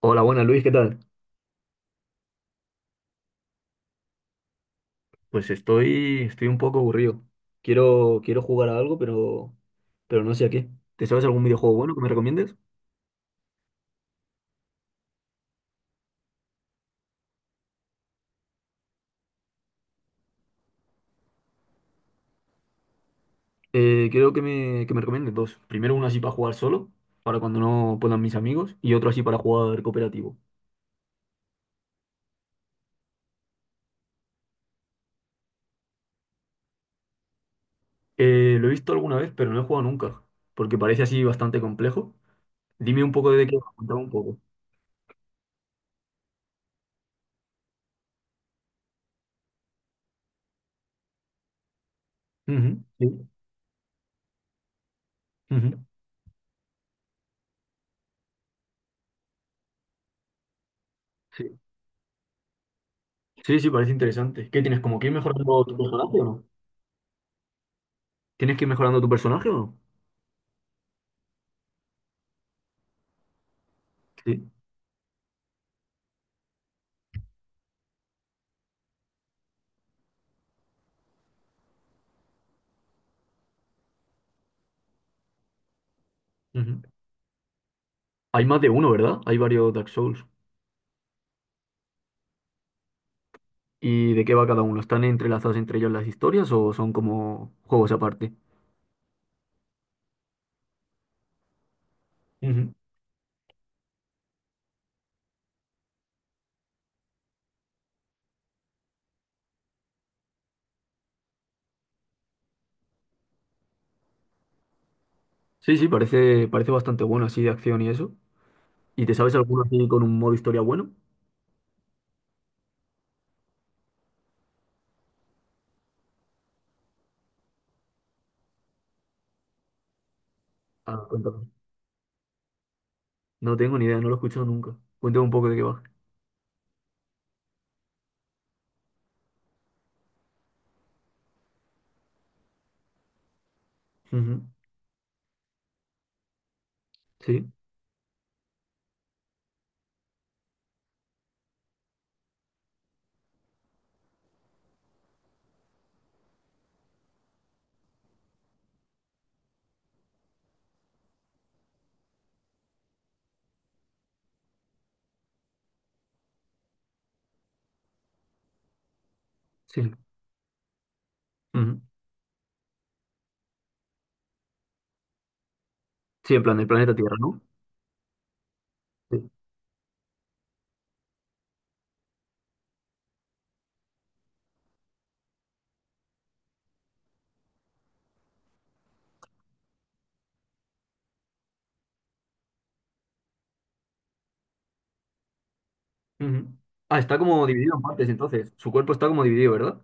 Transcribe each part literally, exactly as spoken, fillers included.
Hola, buenas Luis, ¿qué tal? Pues estoy, estoy un poco aburrido. Quiero, quiero jugar a algo, pero, pero no sé a qué. ¿Te sabes algún videojuego bueno que me recomiendes? Eh, quiero que me, que me recomiendes dos. Primero uno así para jugar solo, para cuando no puedan mis amigos, y otro así para jugar cooperativo. Eh, lo he visto alguna vez, pero no he jugado nunca, porque parece así bastante complejo. Dime un poco de qué va, contame un poco. Ujú, sí, ujú, sí. Sí, sí, parece interesante. ¿Qué tienes? ¿Como que ir mejorando tu personaje o no? ¿Tienes que ir mejorando tu personaje o no? Sí. Ujú. Hay más de uno, ¿verdad? Hay varios Dark Souls. ¿Y de qué va cada uno? ¿Están entrelazadas entre ellos las historias o son como juegos aparte? Ujú. Sí, sí, parece, parece bastante bueno así de acción y eso. ¿Y te sabes alguno así con un modo historia bueno? Ah, cuéntame. No tengo ni idea, no lo he escuchado nunca. Cuéntame un poco de qué va. Ujú. Sí, sí. Ujú. Sí, en plan del planeta Tierra, ¿no? Sí. Ujú. Ah, está como dividido en partes entonces. Su cuerpo está como dividido, ¿verdad?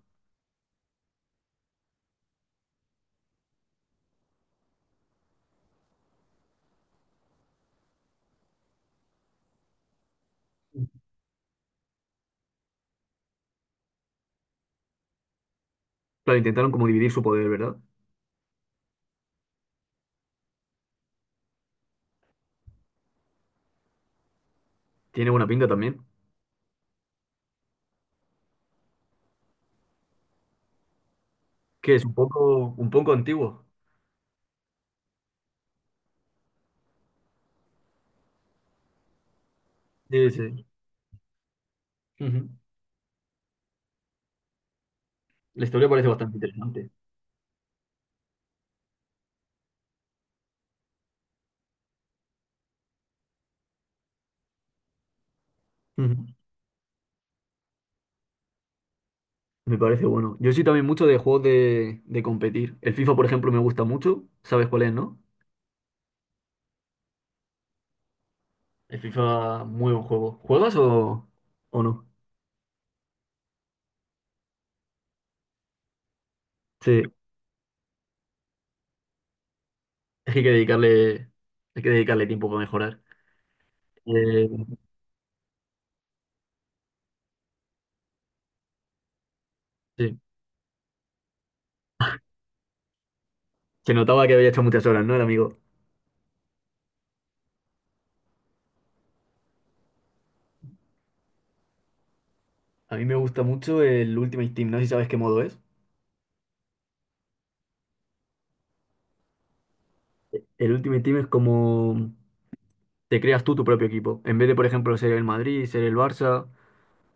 Ujú. Claro, intentaron como dividir su poder, ¿verdad? Tiene buena pinta también. Que es un poco, un poco antiguo. Sí, sí. Ujú. La historia parece bastante interesante. Ujú. Me parece bueno. Yo soy también mucho de juegos de, de competir. El FIFA, por ejemplo, me gusta mucho. ¿Sabes cuál es, no? El FIFA, muy buen juego. ¿Juegas o, o no? Sí. Es que hay que dedicarle, hay que dedicarle tiempo para mejorar. Eh, sí. Se notaba que había hecho muchas horas, ¿no? El amigo. A mí me gusta mucho el Ultimate Team. No sé si sabes qué modo es. El Ultimate Team es como te creas tú tu propio equipo. En vez de, por ejemplo, ser el Madrid, ser el Barça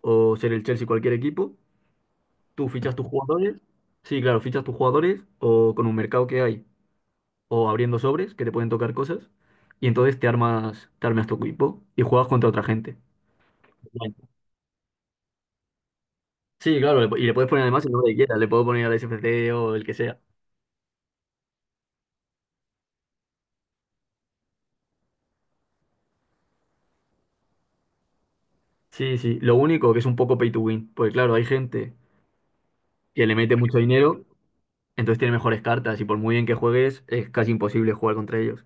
o ser el Chelsea, cualquier equipo. ¿Tú fichas tus jugadores? Sí, claro, fichas tus jugadores o con un mercado que hay o abriendo sobres que te pueden tocar cosas y entonces te armas, te armas tu equipo y juegas contra otra gente. Online. Sí, claro, le po- y le puedes poner además el nombre que quieras, le puedo poner al S F C o el que sea. Sí, sí, lo único que es un poco pay to win, porque claro, hay gente que le mete mucho dinero, entonces tiene mejores cartas y por muy bien que juegues es casi imposible jugar contra ellos.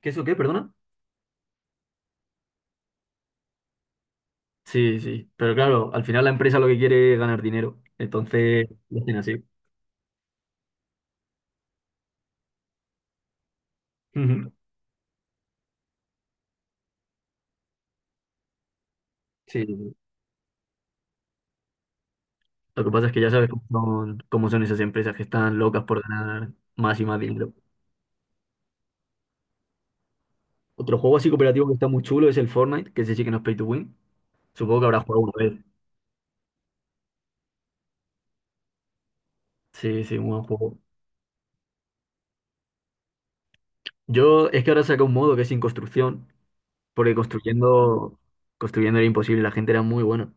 ¿Qué es o qué, perdona? Sí, sí, pero claro, al final la empresa lo que quiere es ganar dinero, entonces lo hacen así. Ujú. Sí, lo que pasa es que ya sabes cómo son, cómo son esas empresas que están locas por ganar más y más dinero. Otro juego así cooperativo que está muy chulo es el Fortnite, que ese sí que no es pay to win. Supongo que habrás jugado una vez. Sí, sí, un buen juego. Yo es que ahora saca un modo que es sin construcción, porque construyendo, construyendo era imposible, la gente era muy buena.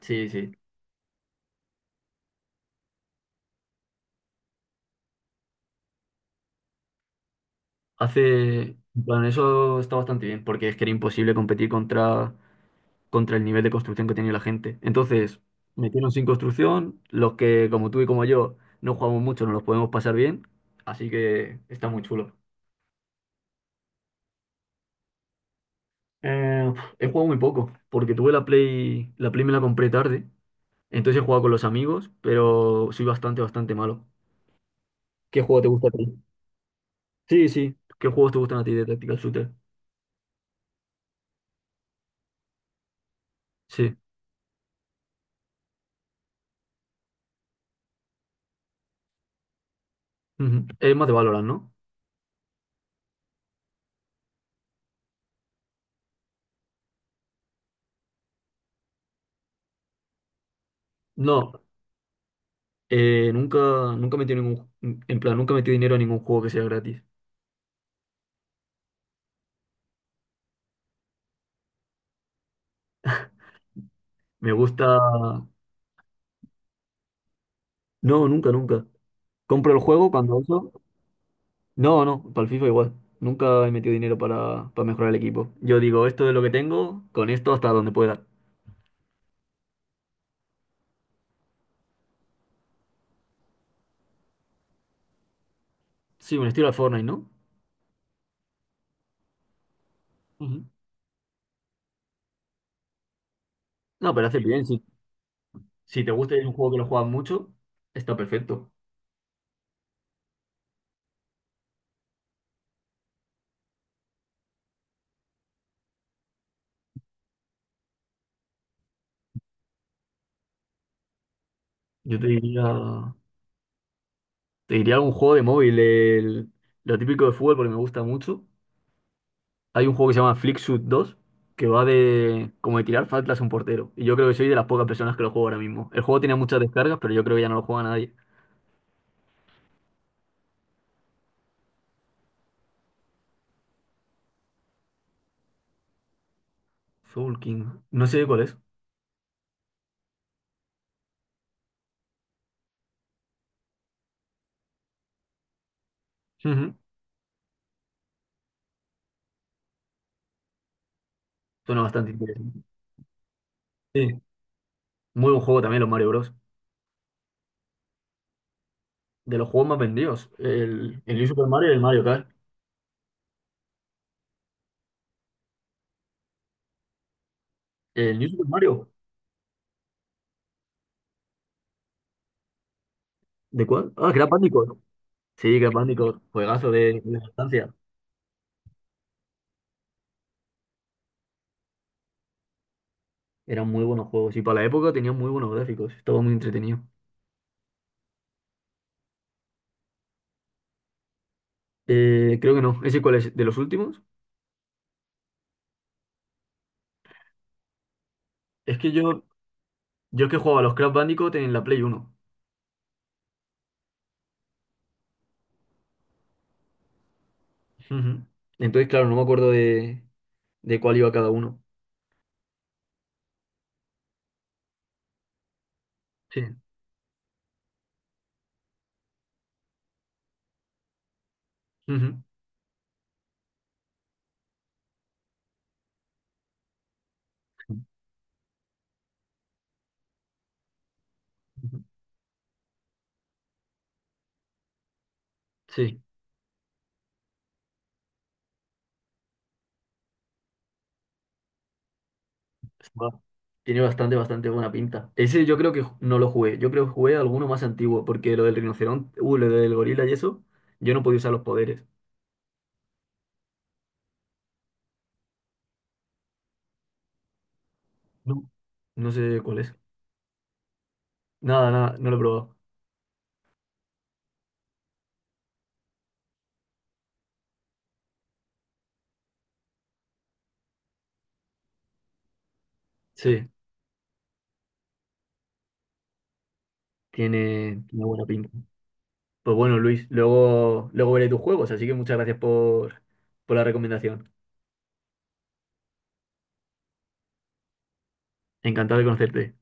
Sí, sí. Hace, en plan, eso está bastante bien, porque es que era imposible competir contra contra el nivel de construcción que tenía la gente. Entonces, metieron sin construcción, los que como tú y como yo no jugamos mucho, no los podemos pasar bien, así que está muy chulo. Eh, he jugado muy poco, porque tuve la Play, la Play me la compré tarde, entonces he jugado con los amigos, pero soy bastante, bastante malo. ¿Qué juego te gusta a ti? Sí, sí. ¿Qué juegos te gustan a ti de Tactical Shooter? Sí. Ujú. Es más de Valorant, ¿no? No, eh, nunca, nunca metí ningún, en plan, nunca metí dinero a ningún juego que sea gratis. Me gusta. No, nunca, nunca. Compro el juego cuando eso. No, no, para el FIFA igual. Nunca he metido dinero para, para mejorar el equipo. Yo digo, esto es lo que tengo, con esto hasta donde pueda. Sí, un estilo al Fortnite, ¿no? Ujú. No, pero hace bien. Si, si te gusta y es un juego que lo juegas mucho, está perfecto. Yo te diría, te diría algún juego de móvil, el- lo típico de fútbol, porque me gusta mucho. Hay un juego que se llama Flicksuit dos, que va de como de tirar faltas a un portero. Y yo creo que soy de las pocas personas que lo juego ahora mismo. El juego tiene muchas descargas, pero yo creo que ya no lo juega nadie. Soul King. No sé cuál es. Ujú. Suena bastante interesante. Sí. Muy buen juego también los Mario Bros. De los juegos más vendidos. El, el New Super Mario y el Mario Kart. ¿El New Super Mario? ¿De cuál? Ah, Crash Bandicoot. Sí, Crash Bandicoot. Juegazo de, de sustancia. Eran muy buenos juegos. Y para la época tenían muy buenos gráficos. Estaba muy entretenido. Eh, creo que no. ¿Ese cuál es? ¿De los últimos? Es que yo, yo es que jugaba a los Crash Bandicoot en la Play Uno. Ujú. Entonces, claro, no me acuerdo de, de cuál iba cada uno. Sí. Ujú. Ujú. Sí. Buah, tiene bastante, bastante buena pinta. Ese yo creo que ju- no lo jugué. Yo creo que jugué alguno más antiguo, porque lo del rinoceronte, uh, lo del gorila y eso, yo no podía usar los poderes. No. No sé cuál es. Nada, nada, no lo he probado. Sí, tiene, tiene buena pinta. Pues bueno, Luis, luego, luego veré tus juegos, así que muchas gracias por, por la recomendación. Encantado de conocerte.